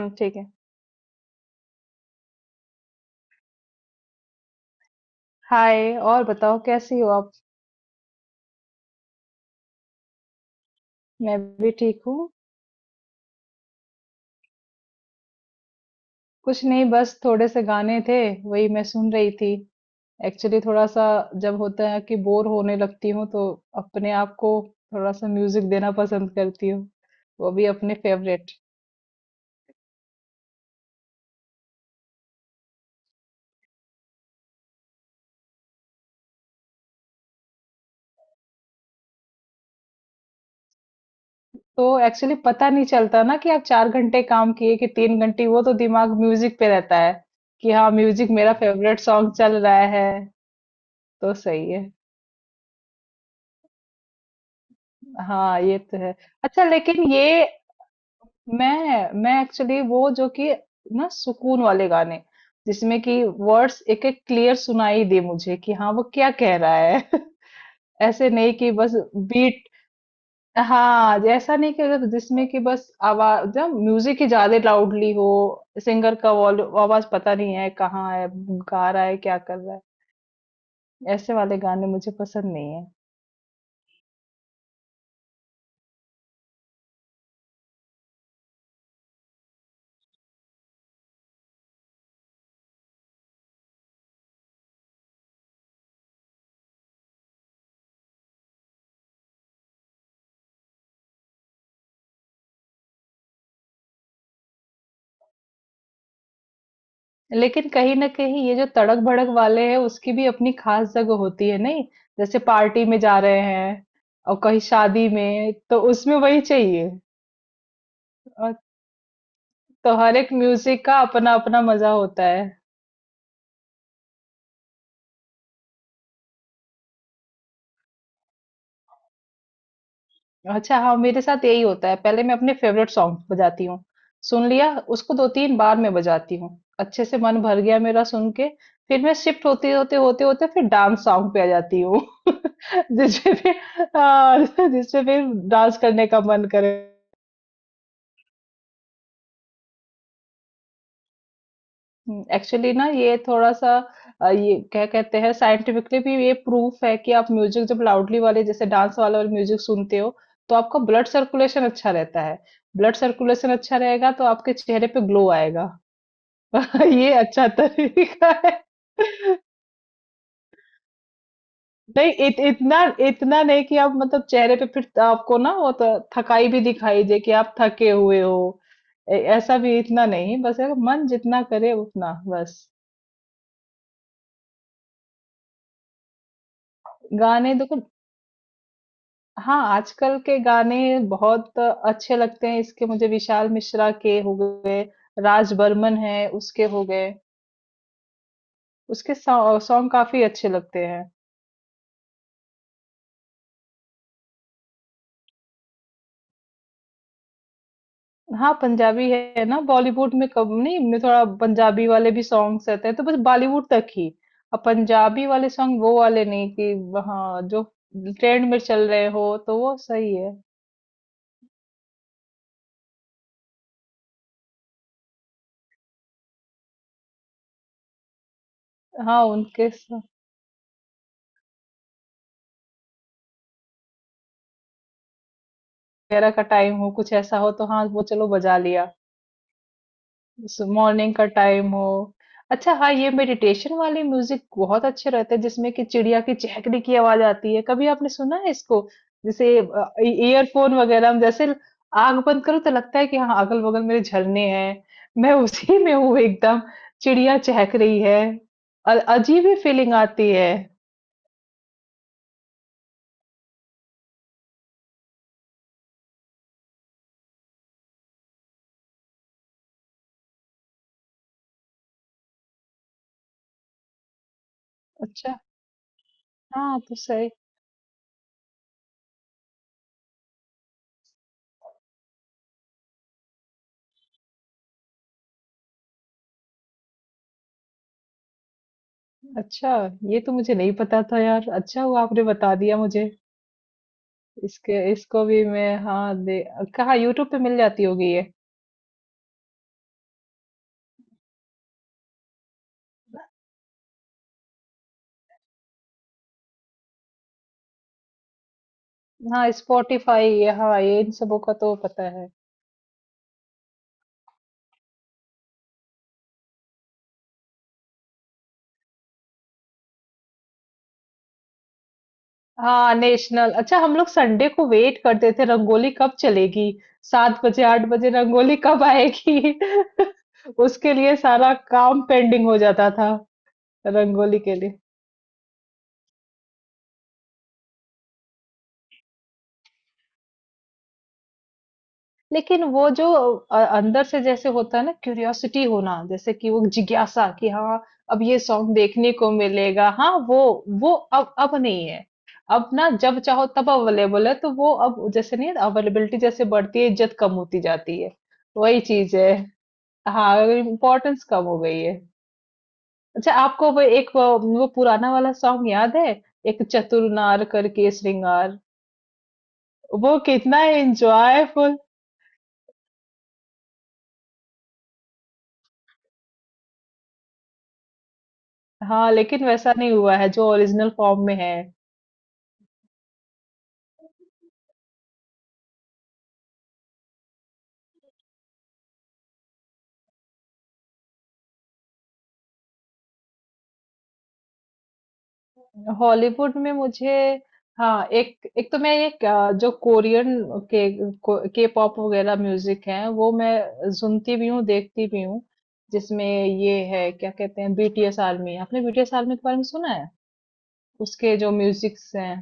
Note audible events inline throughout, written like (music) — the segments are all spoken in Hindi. हुँ, ठीक है। हाय और बताओ कैसी हो आप? मैं भी ठीक हूँ। कुछ नहीं बस थोड़े से गाने थे, वही मैं सुन रही थी। एक्चुअली थोड़ा-सा जब होता है कि बोर होने लगती हूँ तो अपने आप को थोड़ा-सा म्यूजिक देना पसंद करती हूँ, वो भी अपने फेवरेट। तो एक्चुअली पता नहीं चलता ना कि आप 4 घंटे काम किए कि 3 घंटे, वो तो दिमाग म्यूजिक पे रहता है कि हाँ, म्यूजिक मेरा फेवरेट सॉन्ग चल रहा है, तो सही है। हाँ, ये तो है। अच्छा लेकिन ये मैं एक्चुअली वो जो कि ना सुकून वाले गाने, जिसमें कि वर्ड्स एक एक क्लियर सुनाई दे मुझे कि हाँ वो क्या कह रहा है। (laughs) ऐसे नहीं कि बस बीट। हाँ ऐसा नहीं कि अगर जिसमें कि बस आवाज जब म्यूजिक ही ज्यादा लाउडली हो, सिंगर का वॉल्यूम आवाज पता नहीं है कहाँ है गा रहा है क्या कर रहा है, ऐसे वाले गाने मुझे पसंद नहीं है। लेकिन कहीं ना कहीं ये जो तड़क भड़क वाले हैं उसकी भी अपनी खास जगह होती है नहीं? जैसे पार्टी में जा रहे हैं और कहीं शादी में, तो उसमें वही चाहिए। और तो हर एक म्यूजिक का अपना अपना मजा होता है। अच्छा हाँ मेरे साथ यही होता है, पहले मैं अपने फेवरेट सॉन्ग बजाती हूँ। सुन लिया, उसको दो तीन बार मैं बजाती हूँ। अच्छे से मन भर गया मेरा सुन के, फिर मैं शिफ्ट होते होते होते होते फिर डांस सॉन्ग पे आ जाती हूँ। (laughs) जिसपे फिर हाँ, जिसपे फिर डांस करने का मन करे। एक्चुअली ना ये थोड़ा सा ये क्या कहते हैं, साइंटिफिकली भी ये प्रूफ है कि आप म्यूजिक जब लाउडली वाले जैसे डांस वाला वाले म्यूजिक सुनते हो तो आपका ब्लड सर्कुलेशन अच्छा रहता है। ब्लड सर्कुलेशन अच्छा रहेगा तो आपके चेहरे पे ग्लो आएगा। (laughs) ये अच्छा तरीका है। नहीं इतना इतना नहीं कि आप मतलब चेहरे पे फिर आपको ना वो तो थकाई भी दिखाई दे कि आप थके हुए हो। ऐसा भी इतना नहीं, बस है कि मन जितना करे उतना बस। गाने देखो हाँ, आजकल के गाने बहुत अच्छे लगते हैं, इसके मुझे विशाल मिश्रा के हो गए, राज बर्मन है, उसके हो गए, उसके सॉ सॉन्ग काफ़ी अच्छे लगते हैं। हाँ, पंजाबी है ना, बॉलीवुड में कब नहीं में थोड़ा पंजाबी वाले भी सॉन्ग्स रहते हैं, तो बस बॉलीवुड तक ही। अब पंजाबी वाले सॉन्ग वो वाले नहीं कि हाँ, जो ट्रेंड में चल रहे हो, तो वो सही है। हाँ, उनके स वगैरह का टाइम हो, कुछ ऐसा हो तो हाँ, वो चलो बजा लिया। मॉर्निंग का टाइम हो। अच्छा हाँ ये मेडिटेशन वाले म्यूजिक बहुत अच्छे रहते हैं जिसमें कि चिड़िया की चहकने की आवाज आती है, कभी आपने सुना है इसको? जैसे ईयरफोन वगैरह हम जैसे आग बंद करो तो लगता है कि हाँ अगल बगल मेरे झरने हैं, मैं उसी में हूँ एकदम, चिड़िया चहक रही है। अजीब ही फीलिंग आती है। अच्छा, हाँ तो सही। अच्छा ये तो मुझे नहीं पता था यार, अच्छा हुआ आपने बता दिया मुझे। इसके इसको भी मैं हाँ दे। कहाँ यूट्यूब पे मिल जाती होगी ये। हाँ स्पॉटिफाई, हाँ ये इन सबों का तो पता है। हाँ नेशनल, अच्छा हम लोग संडे को वेट करते थे रंगोली कब चलेगी, 7 बजे 8 बजे रंगोली कब आएगी। (laughs) उसके लिए सारा काम पेंडिंग हो जाता था। रंगोली के लिए। लेकिन वो जो अंदर से जैसे होता है ना क्यूरियोसिटी होना, जैसे कि वो जिज्ञासा कि हाँ अब ये सॉन्ग देखने को मिलेगा, हाँ वो अब नहीं है। अब ना जब चाहो तब अवेलेबल है तो वो अब जैसे नहीं, अवेलेबिलिटी जैसे बढ़ती है इज्जत कम होती जाती है। वही चीज है। हाँ इम्पोर्टेंस कम हो गई है। अच्छा आपको वो एक वो पुराना वाला सॉन्ग याद है? एक चतुर नार करके श्रृंगार वो कितना एंजॉयफुल। हाँ, लेकिन वैसा नहीं हुआ है जो ओरिजिनल फॉर्म में है। हॉलीवुड में मुझे हाँ, एक एक तो मैं एक अ, जो कोरियन के पॉप वगैरह म्यूजिक है वो मैं सुनती भी हूँ देखती भी हूँ। जिसमें ये है क्या कहते हैं बीटीएस आर्मी, आपने बीटीएस आर्मी के बारे में सुना है? उसके जो म्यूजिक्स हैं,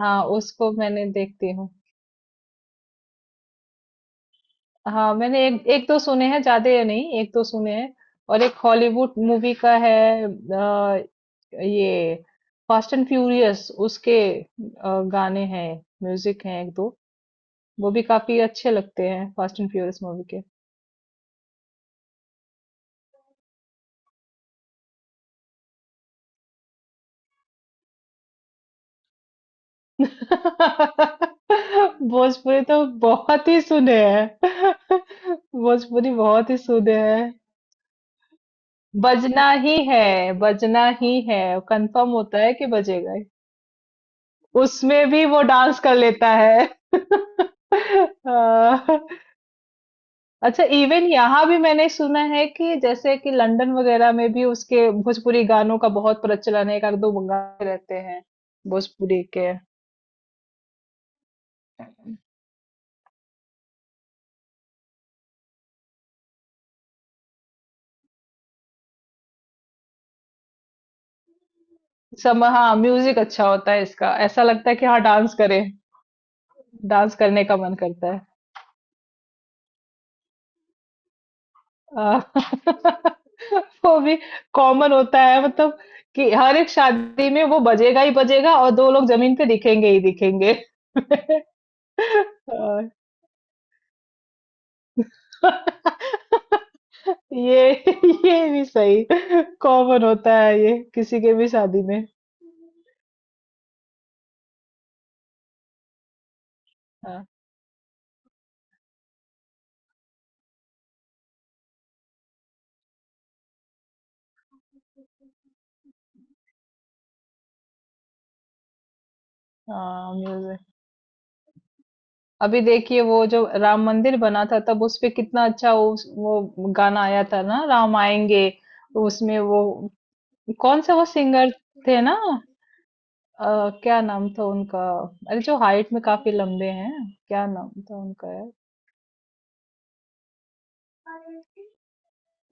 हाँ उसको मैंने देखती हूँ। हाँ मैंने एक एक दो सुने हैं ज्यादा नहीं, एक दो सुने हैं। और एक हॉलीवुड मूवी का है ये फास्ट एंड फ्यूरियस, उसके गाने हैं म्यूजिक हैं एक दो। वो भी काफी अच्छे लगते हैं फास्ट एंड फ्यूरियस मूवी के। (laughs) भोजपुरी तो बहुत ही सुने हैं। (laughs) भोजपुरी बहुत ही सुने हैं। बजना ही है बजना ही है। कंफर्म होता है कि बजेगा ही। उसमें भी वो डांस कर लेता है। (laughs) अ, अच्छा इवन यहाँ भी मैंने सुना है कि जैसे कि लंदन वगैरह में भी उसके भोजपुरी गानों का बहुत प्रचलन है, एक आध दो गाने रहते हैं भोजपुरी के। सब हाँ म्यूजिक अच्छा होता है इसका, ऐसा लगता है कि हाँ डांस करें, डांस करने का मन करता है। आ, (laughs) वो भी कॉमन होता है मतलब, कि हर एक शादी में वो बजेगा ही बजेगा और दो लोग जमीन पे दिखेंगे ही दिखेंगे। (laughs) आ, (laughs) ये (laughs) ये भी सही। कॉमन होता है ये किसी के भी शादी में। हाँ हाँ म्यूजिक, अभी देखिए वो जो राम मंदिर बना था तब उस पे कितना अच्छा वो गाना आया था ना राम आएंगे। उसमें वो कौन सा वो सिंगर थे ना? क्या नाम था उनका? अरे जो हाइट में काफी लंबे हैं। क्या नाम था उनका यार?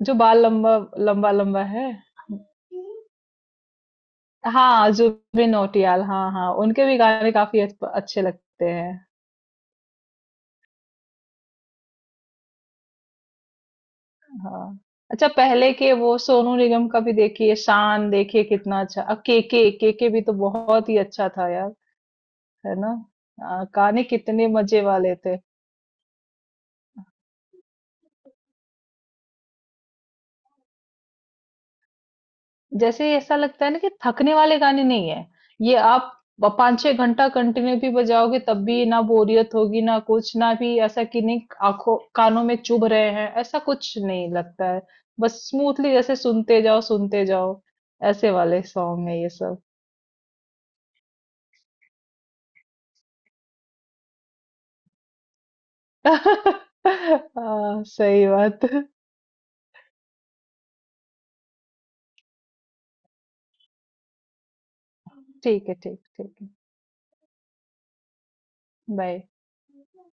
जो बाल लंबा लंबा लंबा है। हाँ, जुबिन नौटियाल, हाँ, हाँ, उनके भी गाने काफ़ी अच्छे लगते हैं। हाँ, अच्छा पहले के वो सोनू निगम का भी देखिए, शान देखिए कितना अच्छा, अब केके, केके भी तो बहुत ही अच्छा था यार, है ना? गाने कितने मज़े वाले थे। जैसे ऐसा लगता है ना कि थकने वाले गाने नहीं है ये, आप 5 6 घंटा कंटिन्यू भी बजाओगे तब भी ना बोरियत होगी ना कुछ, ना भी ऐसा कि नहीं आंखों कानों में चुभ रहे हैं, ऐसा कुछ नहीं लगता है। बस स्मूथली जैसे सुनते जाओ सुनते जाओ। ऐसे वाले सॉन्ग है ये सब। (laughs) हाँ सही बात। ठीक है ठीक ठीक है। बाय।